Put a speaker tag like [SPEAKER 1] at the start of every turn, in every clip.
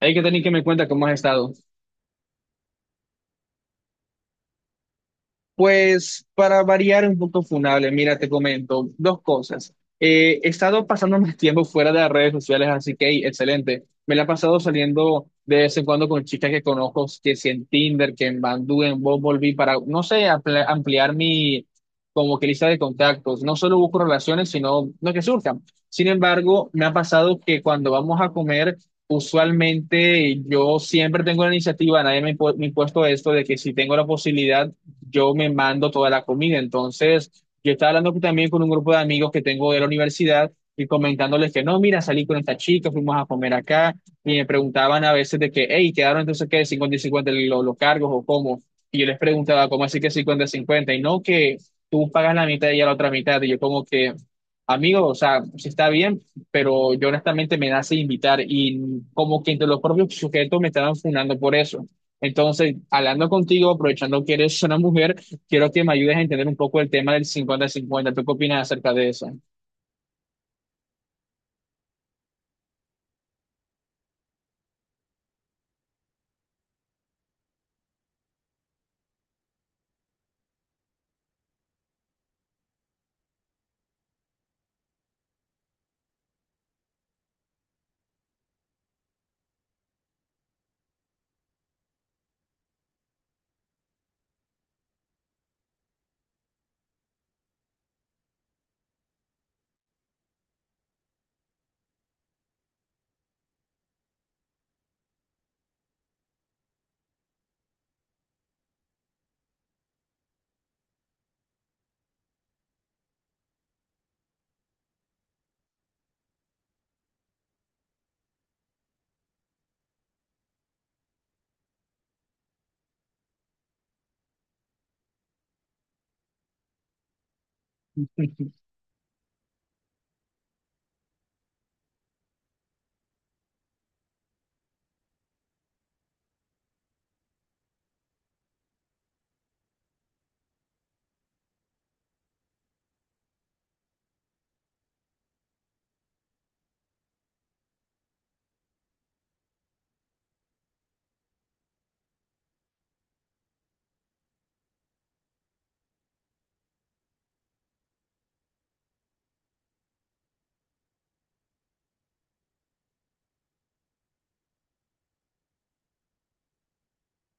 [SPEAKER 1] Hay que tener que me cuenta cómo has estado. Pues para variar un poco funable, mira, te comento dos cosas. He estado pasando más tiempo fuera de las redes sociales, así que hey, excelente. Me la he pasado saliendo de vez en cuando con chicas que conozco, que si en Tinder, que en Bandú, en Bumble, para, no sé, ampliar mi como que lista de contactos. No solo busco relaciones, sino lo que surjan. Sin embargo, me ha pasado que cuando vamos a comer, usualmente yo siempre tengo la iniciativa, nadie me ha impuesto esto de que si tengo la posibilidad yo me mando toda la comida. Entonces, yo estaba hablando también con un grupo de amigos que tengo de la universidad y comentándoles que no, mira, salí con esta chica, fuimos a comer acá y me preguntaban a veces de que, hey, quedaron entonces que 50 y 50 los cargos o cómo. Y yo les preguntaba, ¿cómo así que 50 y cincuenta? Y no, que tú pagas la mitad y ella la otra mitad. Y yo como que, amigo, o sea, sí está bien, pero yo honestamente me nace invitar y como que entre los propios sujetos me estaban fundando por eso. Entonces, hablando contigo, aprovechando que eres una mujer, quiero que me ayudes a entender un poco el tema del 50-50. ¿Tú qué opinas acerca de eso?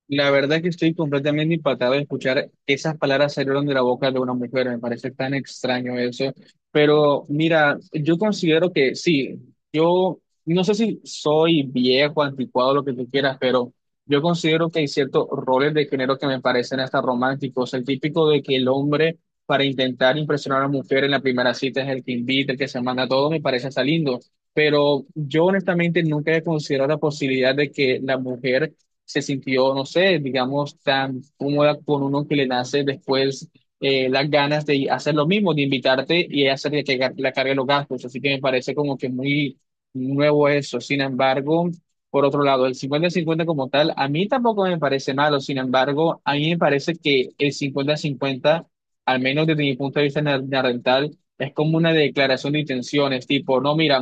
[SPEAKER 1] La verdad es que estoy completamente impactado de escuchar esas palabras salieron de la boca de una mujer. Me parece tan extraño eso. Pero mira, yo considero que sí, yo no sé si soy viejo, anticuado, lo que tú quieras, pero yo considero que hay ciertos roles de género que me parecen hasta románticos. El típico de que el hombre, para intentar impresionar a la mujer en la primera cita, es el que invita, el que se manda todo, me parece hasta lindo. Pero yo honestamente nunca he considerado la posibilidad de que la mujer se sintió, no sé, digamos, tan cómoda con uno que le nace después las ganas de hacer lo mismo, de invitarte y hacer que la cargue los gastos. Así que me parece como que muy nuevo eso. Sin embargo, por otro lado, el cincuenta-cincuenta como tal, a mí tampoco me parece malo. Sin embargo, a mí me parece que el cincuenta-cincuenta, al menos desde mi punto de vista narrental, es como una declaración de intenciones, tipo, no, mira,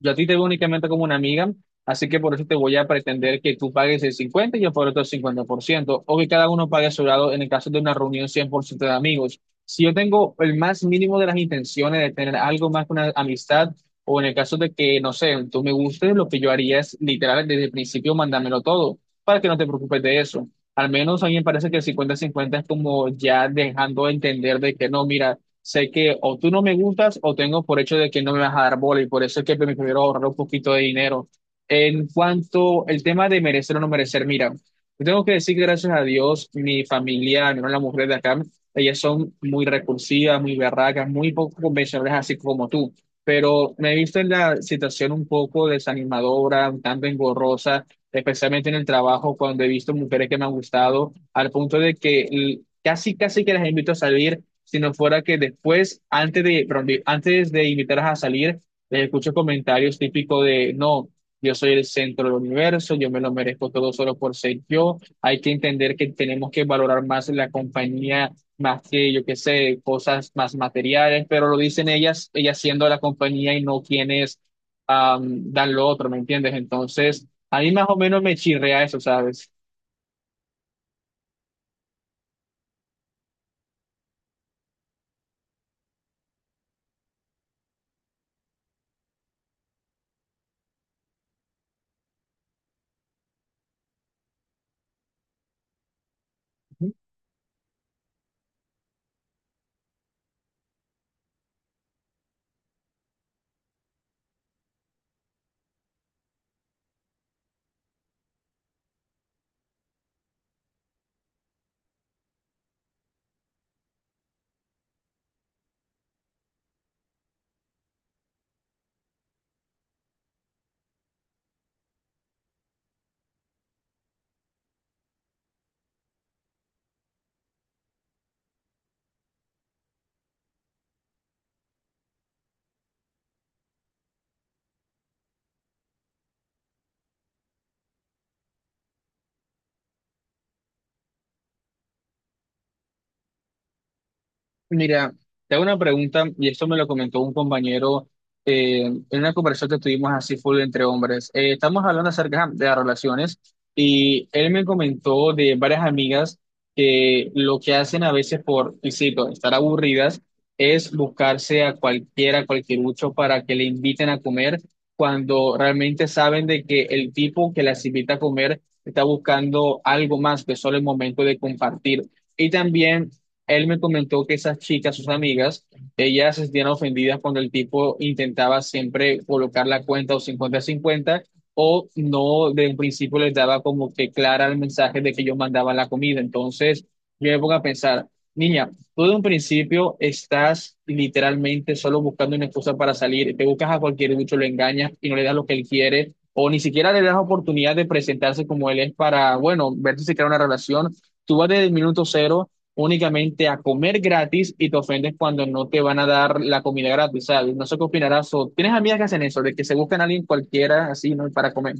[SPEAKER 1] yo a ti te veo únicamente como una amiga, así que por eso te voy a pretender que tú pagues el 50 y yo por otro 50%, o que cada uno pague a su lado en el caso de una reunión 100% de amigos. Si yo tengo el más mínimo de las intenciones de tener algo más que una amistad, o en el caso de que, no sé, tú me gustes, lo que yo haría es literal desde el principio mandármelo todo, para que no te preocupes de eso. Al menos a mí me parece que el cincuenta 50 es como ya dejando entender de que no, mira, sé que o tú no me gustas o tengo por hecho de que no me vas a dar bola y por eso es que me prefiero ahorrar un poquito de dinero. En cuanto al tema de merecer o no merecer, mira, yo tengo que decir que gracias a Dios, mi familia, mi la mujer de acá, ellas son muy recursivas, muy berracas, muy poco convencionales, así como tú. Pero me he visto en la situación un poco desanimadora, un tanto engorrosa, especialmente en el trabajo, cuando he visto mujeres que me han gustado, al punto de que casi, casi que las invito a salir si no fuera que después, antes de, perdón, antes de invitarlas a salir, les escucho comentarios típicos de, no, yo soy el centro del universo, yo me lo merezco todo solo por ser yo, hay que entender que tenemos que valorar más la compañía, más que, yo qué sé, cosas más materiales, pero lo dicen ellas, ellas siendo la compañía y no quienes dan lo otro, ¿me entiendes? Entonces, a mí más o menos me chirrea eso, ¿sabes? Mira, te hago una pregunta y esto me lo comentó un compañero en una conversación que tuvimos así full entre hombres. Estamos hablando acerca de las relaciones y él me comentó de varias amigas que lo que hacen a veces por, y cito, estar aburridas es buscarse a cualquiera, cualquier ucho para que le inviten a comer cuando realmente saben de que el tipo que las invita a comer está buscando algo más que solo el momento de compartir. Y también él me comentó que esas chicas, sus amigas, ellas se sentían ofendidas cuando el tipo intentaba siempre colocar la cuenta o cincuenta a cincuenta o no, de un principio les daba como que clara el mensaje de que yo mandaba la comida. Entonces, yo me pongo a pensar, niña, tú de un principio estás literalmente solo buscando una excusa para salir, te buscas a cualquier bicho, lo engañas y no le das lo que él quiere. O ni siquiera le das oportunidad de presentarse como él es para, bueno, ver si se crea una relación. Tú vas desde el minuto cero únicamente a comer gratis y te ofendes cuando no te van a dar la comida gratis, ¿sabes? No sé qué opinarás. O, ¿tienes amigas que hacen eso, de que se buscan a alguien cualquiera así, ¿no? Para comer?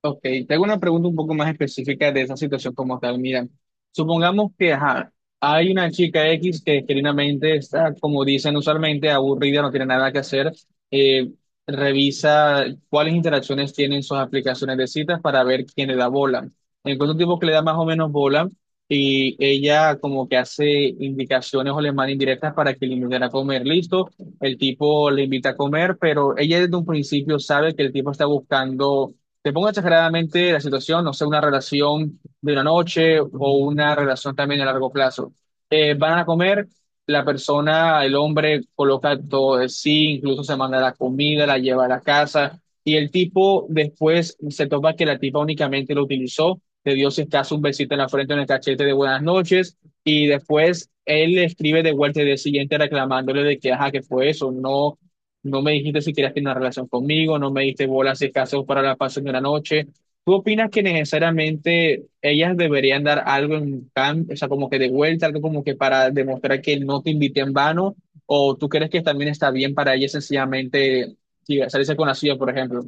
[SPEAKER 1] Ok, te hago una pregunta un poco más específica de esa situación como tal. Mira, supongamos que ajá, hay una chica X que genuinamente está, como dicen usualmente, aburrida, no tiene nada que hacer. eh, Revisa cuáles interacciones tienen sus aplicaciones de citas para ver quién le da bola. Encuentra un tipo que le da más o menos bola y ella como que hace indicaciones o le manda indirectas para que le inviten a comer. Listo, el tipo le invita a comer, pero ella desde un principio sabe que el tipo está buscando, te pongo exageradamente la situación, no sé, una relación de una noche o una relación también a largo plazo. Van a comer, la persona, el hombre, coloca todo de sí, incluso se manda la comida, la lleva a la casa, y el tipo después se topa que la tipa únicamente lo utilizó, le dio si acaso un besito en la frente, en el cachete de buenas noches, y después él le escribe de vuelta el día siguiente reclamándole de que, ajá, que fue eso, no me dijiste si querías tener una relación conmigo, no me diste bolas si acaso para la pasión de la noche. ¿Tú opinas que necesariamente ellas deberían dar algo en cambio, o sea, como que de vuelta, algo como que para demostrar que no te invité en vano? ¿O tú crees que también está bien para ellas sencillamente sí, salirse con la suya, por ejemplo?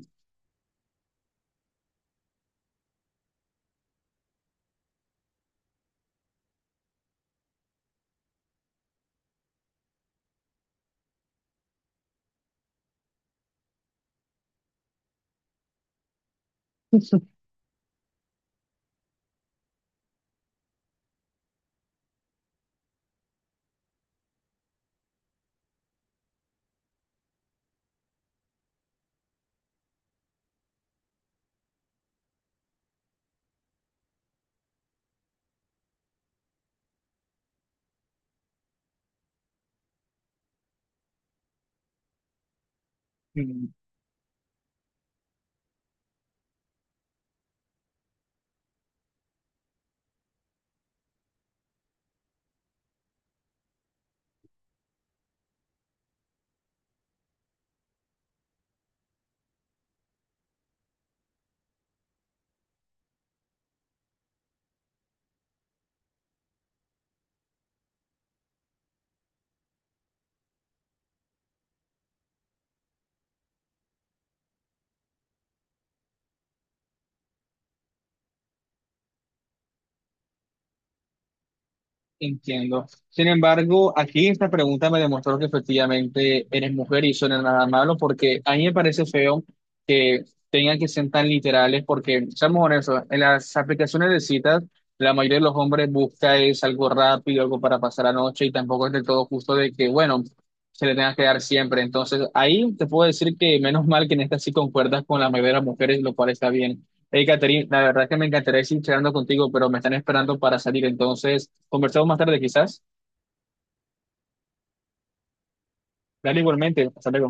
[SPEAKER 1] Entiendo. Sin embargo, aquí esta pregunta me demostró que efectivamente eres mujer y eso no es nada malo, porque a mí me parece feo que tengan que ser tan literales, porque seamos honestos, en las aplicaciones de citas, la mayoría de los hombres busca es algo rápido, algo para pasar la noche, y tampoco es del todo justo de que, bueno, se le tenga que dar siempre. Entonces, ahí te puedo decir que menos mal que en esta sí concuerdas con la mayoría de las mujeres, lo cual está bien. Hey, Catherine, la verdad es que me encantaría seguir charlando contigo, pero me están esperando para salir, entonces conversamos más tarde quizás. Dale igualmente, hasta luego.